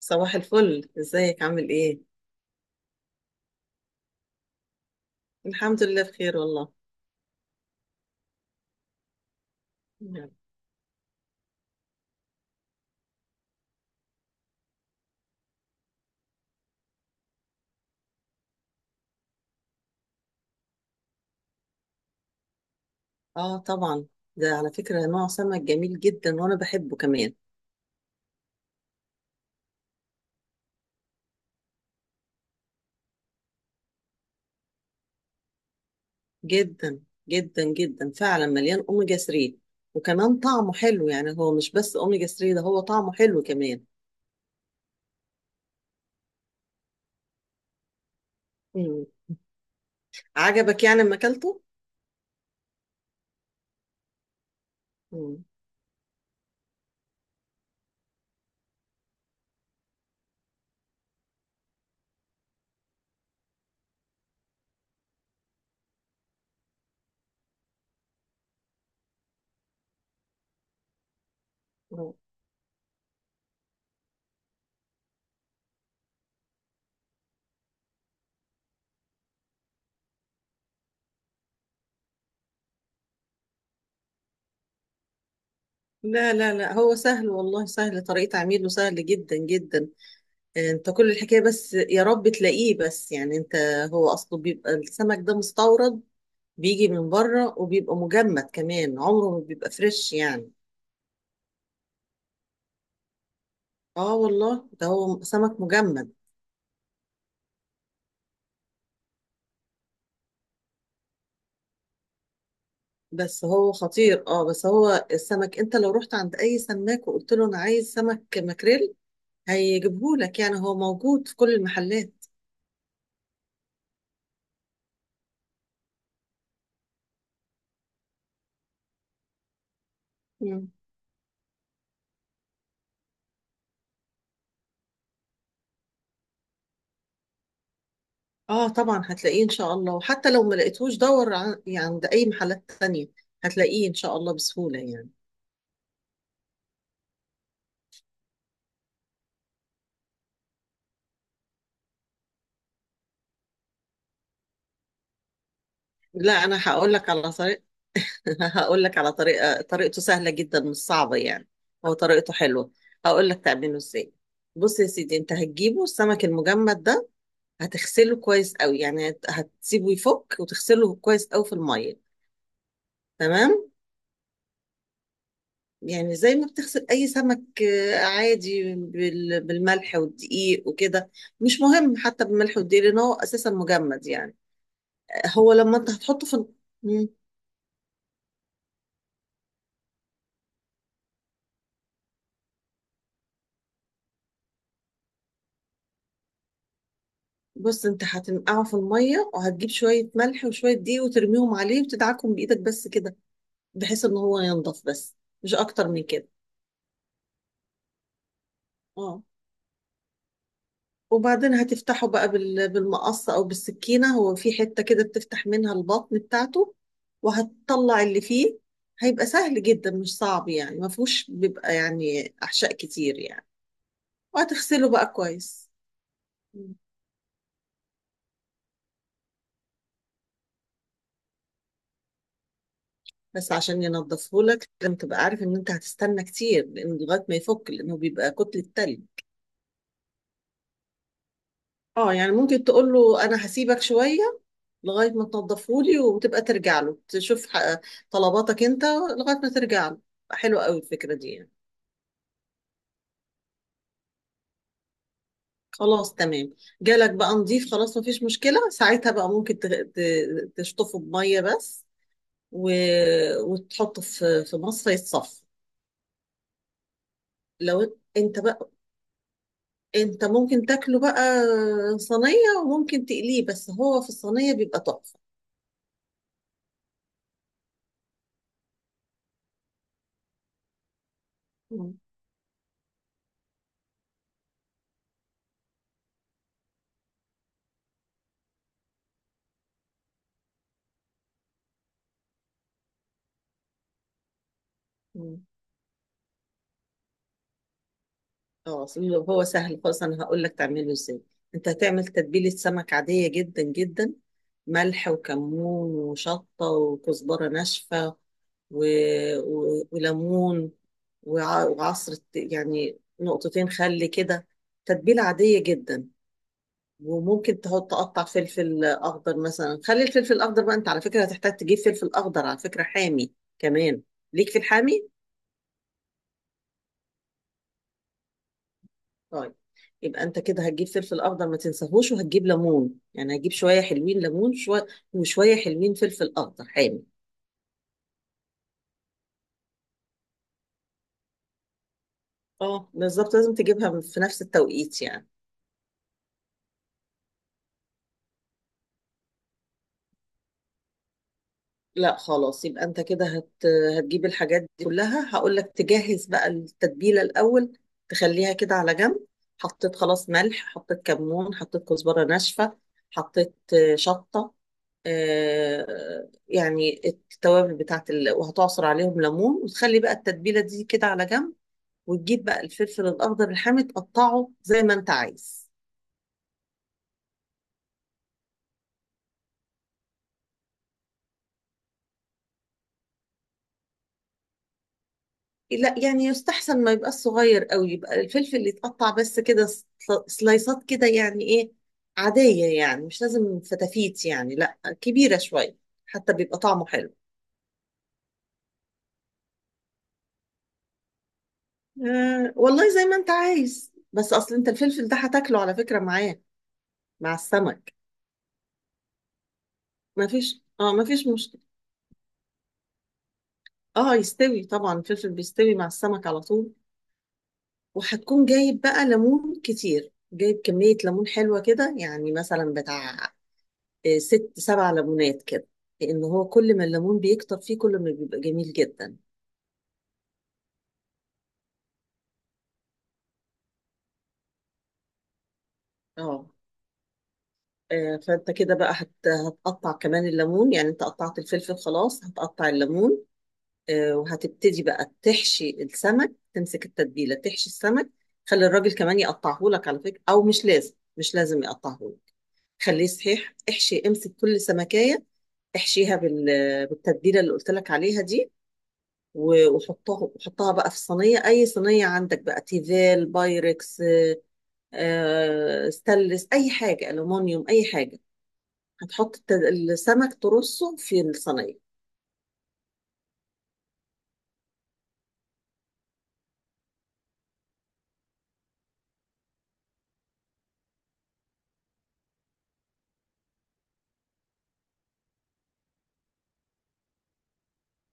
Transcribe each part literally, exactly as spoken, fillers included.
صباح الفل، ازيك عامل ايه؟ الحمد لله بخير والله. نعم. اه طبعا. ده على فكرة نوع سمك جميل جدا وانا بحبه كمان. جدا جدا جدا فعلا مليان اوميجا ثلاثة. وكمان طعمه حلو، يعني هو مش بس اوميجا ثلاثة، ده هو طعمه حلو كمان. مم. عجبك يعني لما اكلته؟ مم. آه. لا لا لا هو سهل والله، سهل، طريقة عميله سهل جدا جدا. آه، انت كل الحكاية بس يا رب تلاقيه، بس يعني انت، هو اصله بيبقى السمك ده مستورد، بيجي من بره وبيبقى مجمد كمان، عمره ما بيبقى فريش يعني. اه والله ده هو سمك مجمد. بس هو خطير، اه بس هو السمك انت لو رحت عند اي سماك وقلت له انا عايز سمك ماكريل هيجيبهولك، يعني هو موجود في كل المحلات. مم. اه طبعا هتلاقيه ان شاء الله، وحتى لو ما لقيتهوش دور عن- يعني عند اي محلات تانية، هتلاقيه ان شاء الله بسهولة يعني. لا انا هقول لك على طريقة. هقول لك على طريقة، طريقته سهلة جدا مش صعبة يعني، هو طريقته حلوة. هقول لك تعمله ازاي. بص يا سيدي، انت هتجيبه السمك المجمد ده، هتغسله كويس قوي، يعني هت- هتسيبه يفك وتغسله كويس قوي في المية، تمام. يعني زي ما بتغسل اي سمك، آه، عادي بال- بالملح والدقيق وكده. مش مهم حتى بالملح والدقيق، لان هو اساسا مجمد يعني. هو لما انت هتحطه في ال- بص انت هتنقعه في الميه، وهتجيب شويه ملح وشويه دقيق وترميهم عليه وتدعكهم بايدك بس كده، بحيث ان هو ينضف بس، مش اكتر من كده. اه. وبعدين هتفتحه بقى بال- بالمقص او بالسكينه، هو في حته كده بتفتح منها البطن بتاعته، وهتطلع اللي فيه. هيبقى سهل جدا مش صعب يعني، ما فيهوش بيبقى يعني احشاء كتير يعني. وهتغسله بقى كويس. مم. بس عشان ينضفه لك لازم تبقى عارف ان انت هتستنى كتير، لان لغايه ما يفك، لانه بيبقى كتله تلج. اه يعني ممكن تقول له انا هسيبك شويه لغايه ما تنضفهولي، وتبقى ترجع له تشوف ح- طلباتك انت لغايه ما ترجع له. حلوه قوي الفكره دي يعني. خلاص تمام. جالك بقى نضيف خلاص، مفيش مشكله ساعتها بقى، ممكن ت- ت- تشطفه بميه بس، و... وتحطه في في مصفى يتصفى. لو انت بقى، انت ممكن تاكله بقى صينيه، وممكن تقليه، بس هو في الصينيه بيبقى تحفه. مم. اه اصل هو سهل خالص، انا هقول لك تعمله ازاي. انت هتعمل تتبيله سمك عاديه جدا جدا، ملح وكمون وشطه وكزبره ناشفه و... و... وليمون، وع... وعصره يعني نقطتين خل كده، تتبيله عاديه جدا. وممكن تحط تقطع فلفل اخضر مثلا، خلي الفلفل الاخضر بقى، انت على فكره هتحتاج تجيب فلفل اخضر على فكره حامي كمان، ليك في الحامي. طيب، يبقى انت كده هتجيب فلفل اخضر، ما تنساهوش، وهتجيب ليمون، يعني هتجيب شويه حلوين ليمون شويه، وشويه حلوين فلفل اخضر حامي. اه بالظبط، لازم تجيبها في نفس التوقيت يعني. لا خلاص، يبقى انت كده هت... هتجيب الحاجات دي كلها. هقول لك تجهز بقى التتبيله الاول، تخليها كده على جنب. حطيت خلاص ملح، حطيت كمون، حطيت كزبره ناشفه، حطيت آه، شطه، آه، يعني التوابل بتاعت ال... وهتعصر عليهم ليمون، وتخلي بقى التتبيله دي كده على جنب. وتجيب بقى الفلفل الاخضر الحامي تقطعه زي ما انت عايز. لا يعني يستحسن ما يبقى صغير قوي، يبقى الفلفل اللي يتقطع بس كده سل- سلايسات كده يعني ايه، عادية يعني، مش لازم فتافيت يعني، لا كبيرة شوية، حتى بيبقى طعمه حلو. آه والله زي ما انت عايز، بس اصل انت الفلفل ده هتاكله على فكرة معاه، مع السمك. ما فيش اه ما فيش مشكلة. اه يستوي طبعا، الفلفل بيستوي مع السمك على طول. وهتكون جايب بقى ليمون كتير، جايب كمية ليمون حلوة كده، يعني مثلا بتاع آه، ست سبع ليمونات كده، لان هو كل ما الليمون بيكتر فيه كل ما بيبقى جميل جدا. اه. آه، فانت كده بقى هت... هتقطع كمان الليمون، يعني انت قطعت الفلفل خلاص، هتقطع الليمون. آه، وهتبتدي بقى تحشي السمك، تمسك التتبيله تحشي السمك. خلي الراجل كمان يقطعه لك على فكره، او مش لازم، مش لازم يقطعه لك، خليه صحيح. احشي، امسك كل سمكيه احشيها بال... بالتتبيله اللي قلت لك عليها دي، و- وحطها وحطها بقى في صينية، أي صينية عندك بقى، تيفال، بايركس، آه، ستانلس، أي حاجة، ألومنيوم أي حاجة. هتحط الت- السمك ترصه في الصينية.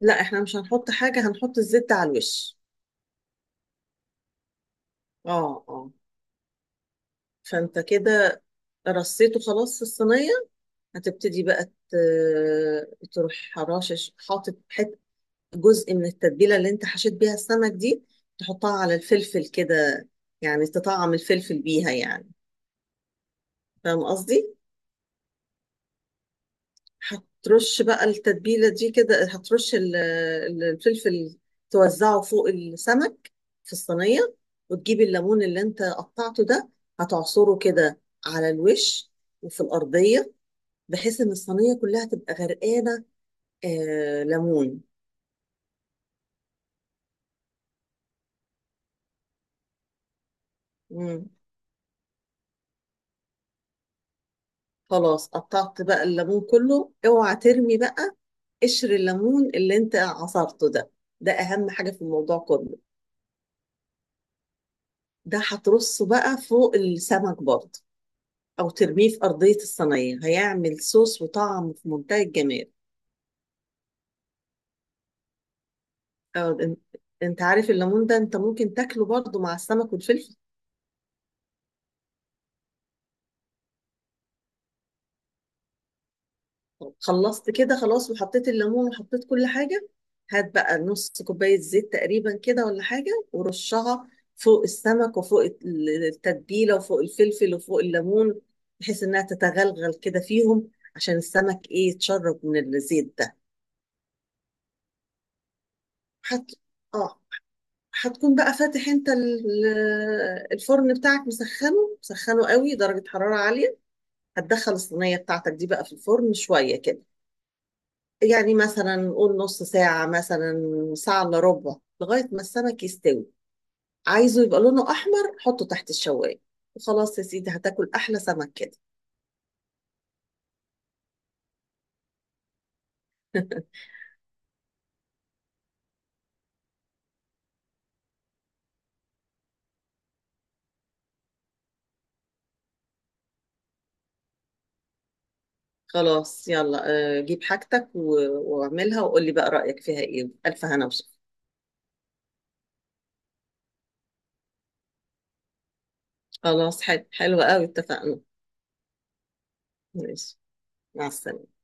لا احنا مش هنحط حاجة، هنحط الزبدة على الوش. اه اه. فانت كده رصيته خلاص في الصينية، هتبتدي بقى ت- تروح حراشش حاطط حت جزء من التتبيلة اللي انت حشيت بيها السمك دي، تحطها على الفلفل كده، يعني تطعم الفلفل بيها يعني. فاهم قصدي؟ هترش بقى التتبيلة دي كده، هترش ال- ال- الفلفل، توزعه فوق السمك في الصينية. وتجيب الليمون اللي انت قطعته ده، هتعصره كده على الوش وفي الأرضية، بحيث ان الصينية كلها تبقى غرقانة آه ليمون. مم. خلاص قطعت بقى الليمون كله، اوعى ترمي بقى قشر الليمون اللي انت عصرته ده، ده أهم حاجة في الموضوع كله. ده هترصه بقى فوق السمك برضه، أو ترميه في أرضية الصينية، هيعمل صوص وطعم في منتهى الجمال. أو إن- أنت عارف الليمون ده، أنت ممكن تاكله برضه مع السمك والفلفل. طب خلصت كده خلاص، وحطيت الليمون وحطيت كل حاجة. هات بقى نص كوباية زيت تقريبا كده ولا حاجة، ورشها فوق السمك وفوق ال- التتبيلة وفوق الفلفل وفوق الليمون، بحيث إنها تتغلغل كده فيهم، عشان السمك إيه يتشرب من الزيت ده. حط اه. هتكون بقى فاتح انت ال- الفرن بتاعك، مسخنه مسخنه قوي، درجة حرارة عالية، هتدخل الصينية بتاعتك دي بقى في الفرن شوية كده، يعني مثلا نقول نص ساعة مثلا، ساعة الا ربع، لغاية ما السمك يستوي. عايزه يبقى لونه أحمر، حطه تحت الشواية، وخلاص يا سيدي هتاكل أحلى سمك كده. خلاص يلا. آه، جيب حاجتك و- واعملها، وقول لي بقى رأيك فيها ايه، ألف هنا وشفا. خلاص حلو حلو قوي اتفقنا. ماشي، مع السلامة.